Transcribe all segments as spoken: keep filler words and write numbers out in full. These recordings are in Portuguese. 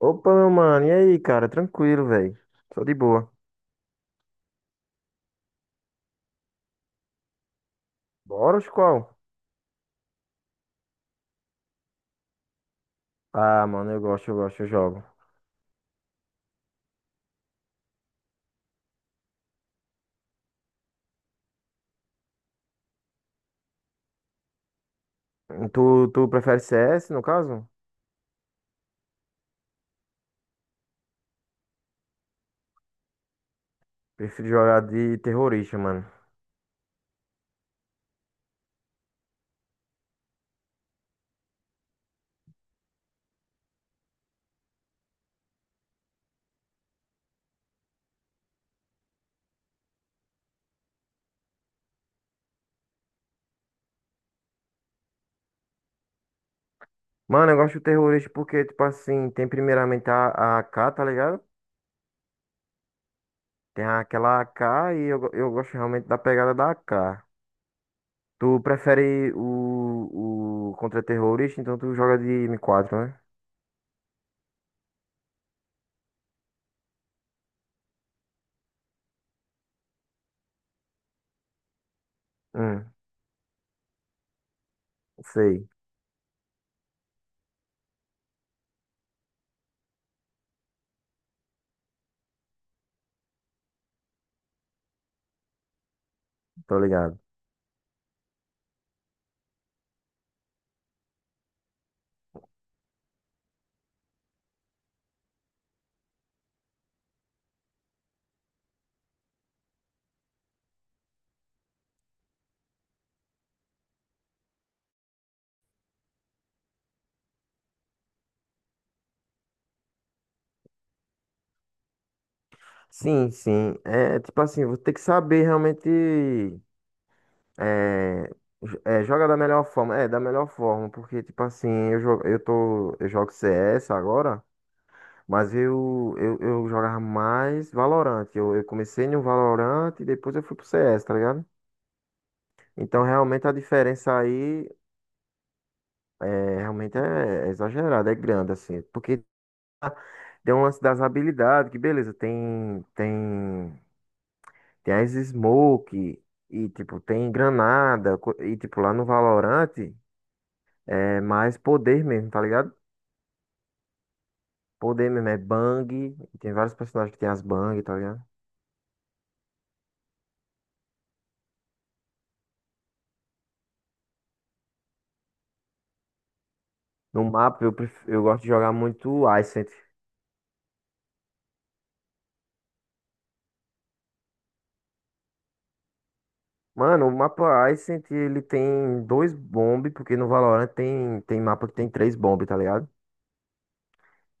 Opa, meu mano, e aí, cara? Tranquilo, velho. Tô de boa. Bora, os qual? Ah, mano, eu gosto, eu gosto, eu jogo. Tu, tu prefere C S, no caso? Prefiro jogar de terrorista, mano. Mano, eu gosto de terrorista porque, tipo assim, tem primeiramente a, a AK, tá ligado? Tem aquela A K e eu, go- eu gosto realmente da pegada da A K. Tu prefere o, o contra-terrorista, então tu joga de M quatro, né? Hum, sei, tô ligado. Sim, sim. É tipo assim, você tem que saber realmente é, j- é, jogar da melhor forma. É, da melhor forma, porque tipo assim, eu jogo, eu tô, eu jogo C S agora, mas eu, eu, eu jogava mais Valorant. Eu, eu comecei no Valorant e depois eu fui pro C S, tá ligado? Então realmente a diferença aí é, realmente é, é exagerada, é grande, assim. Porque tem um lance das habilidades, que beleza, tem, tem. Tem as Smoke e, tipo, tem granada. co- E, tipo, lá no Valorant é mais poder mesmo, tá ligado? Poder mesmo é Bang. Tem vários personagens que tem as Bang, tá ligado? No mapa eu, pref... eu gosto de jogar muito Ascent. Mano, o mapa Ascent ele tem dois bombe, porque no Valorant tem, tem mapa que tem três bombe, tá ligado?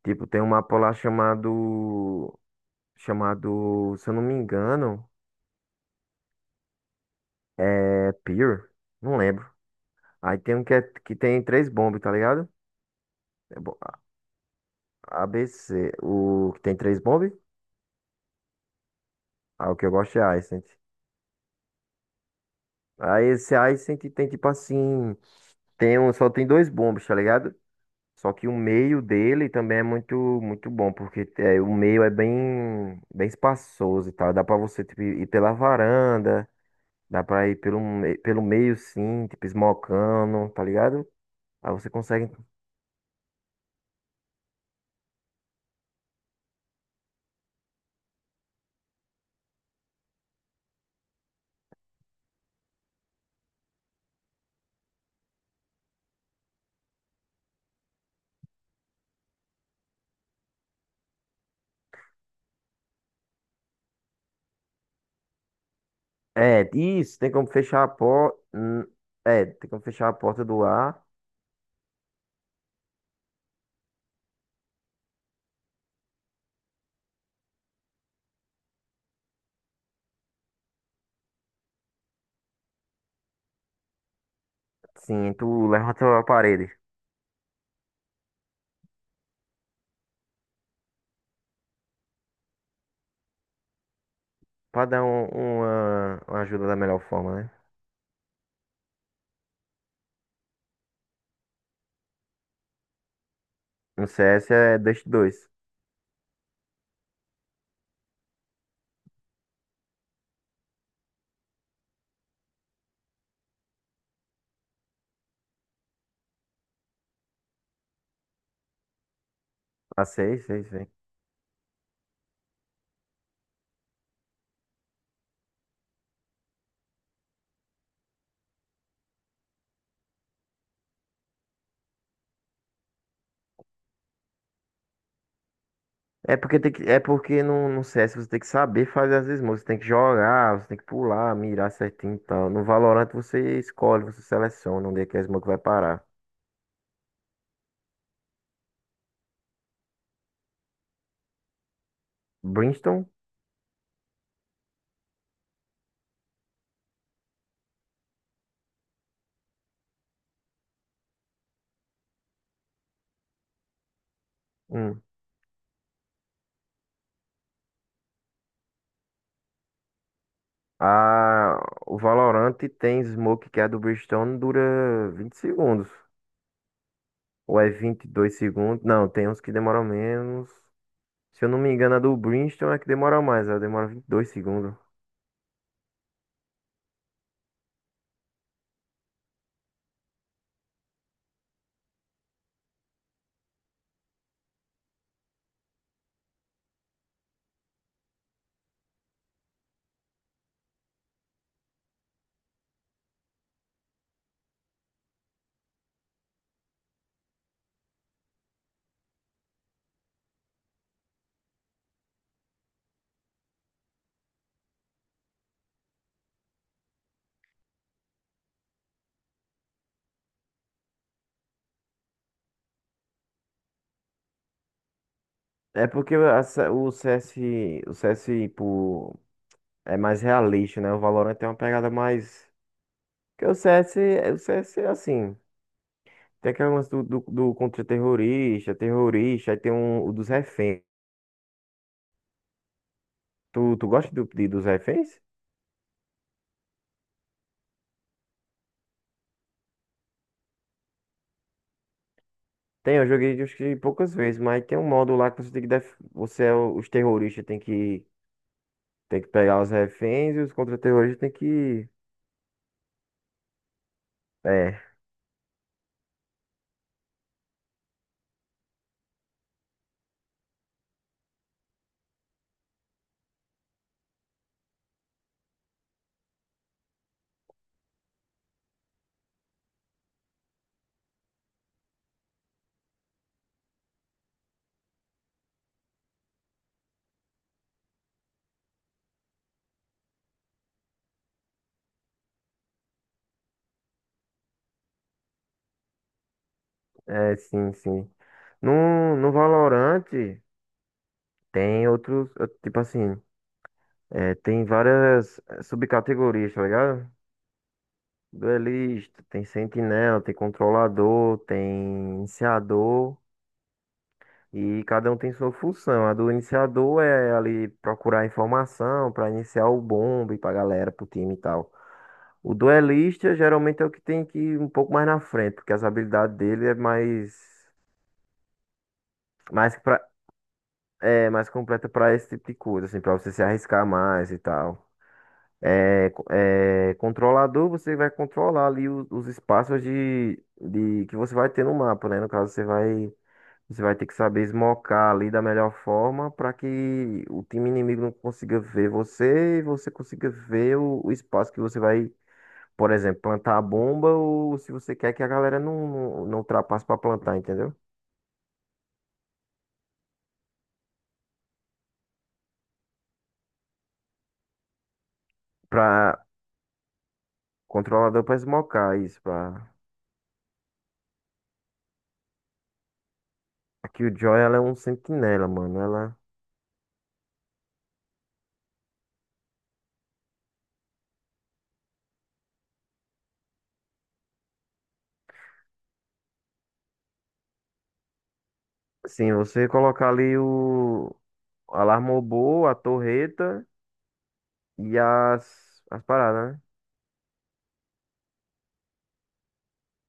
Tipo, tem um mapa lá chamado. Chamado, se eu não me engano, é Pier. Não lembro. Aí tem um que, é, que tem três bombas, tá ligado? É bom, A- ABC, o que tem três bombas? Ah, o que eu gosto é Ascent. Aí esse Ascent tem tipo assim, tem um, só tem dois bombos, tá ligado? Só que o meio dele também é muito muito bom, porque é, o meio é bem bem espaçoso e tal. Dá pra você tipo, ir pela varanda, dá pra ir pelo, me- pelo meio sim, tipo esmocando, tá ligado? Aí você consegue. É, isso, tem como fechar a porta. É, tem como fechar a porta do ar. Sim, tu levanta a parede. Pra dar um- uma, uma ajuda da melhor forma, né? No C S é Dust dois. Ah, sei, sei, sei. É porque, tem que, é porque no, no C S você tem que saber fazer as esmolas. Você tem que jogar, você tem que pular, mirar certinho e tal. No Valorant você escolhe, você seleciona onde é que a smoke vai parar. Brimstone? Hum. Ah, o Valorant tem smoke que é a do Brimstone dura vinte segundos. Ou é vinte e dois segundos? Não, tem uns que demoram menos. Se eu não me engano, a do Brimstone é que demora mais. Ela demora vinte e dois segundos. É porque a C- o C S o C S por, é mais realista, né? O Valorant tem uma pegada mais. Porque o C S é- o C S é assim. Tem aquele lance do, do, do contra-terrorista, terrorista, aí tem um, o dos reféns. Tu, tu gosta do, de, dos reféns? Tem, eu joguei acho que poucas vezes, mas tem um modo lá que você tem que def... você é o- os terroristas tem que tem que pegar os reféns e os contra-terroristas tem que é, é sim, sim. No, no Valorant tem outros, eh, tipo assim. É, tem várias eh, subcategorias, tá ligado? Duelista, tem sentinela, tem controlador, tem iniciador. E cada um tem sua função. A do iniciador é ali procurar informação para iniciar o bombe pra galera, pro time e tal. O duelista geralmente é o que tem que ir um pouco mais na frente, porque as habilidades dele é mais, mais, pra, é, mais completa para esse tipo de coisa, assim, para você se arriscar mais e tal. É, co- é, Controlador, você vai controlar ali o- os espaços de, de que você vai ter no mapa, né? No caso, você vai, você vai ter que saber esmocar ali da melhor forma para que o time inimigo não consiga ver você e você consiga ver o, o espaço que você vai, por exemplo, plantar a bomba ou se você quer que a galera não, não, não ultrapasse para plantar, entendeu? Para controlador para esmocar isso, para. Aqui o Joy, ela é um sentinela, mano. Ela, assim, você colocar ali o Alarma o boi, a torreta e as, as paradas, né?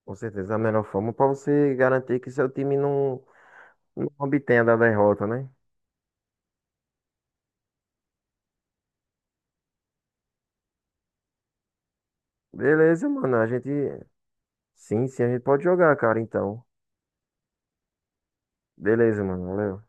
Com certeza, a melhor forma pra você garantir que seu time não, não obtenha da derrota, né? Beleza, mano. A gente. Sim, sim, a gente pode jogar, cara, então. Beleza, mano. Valeu.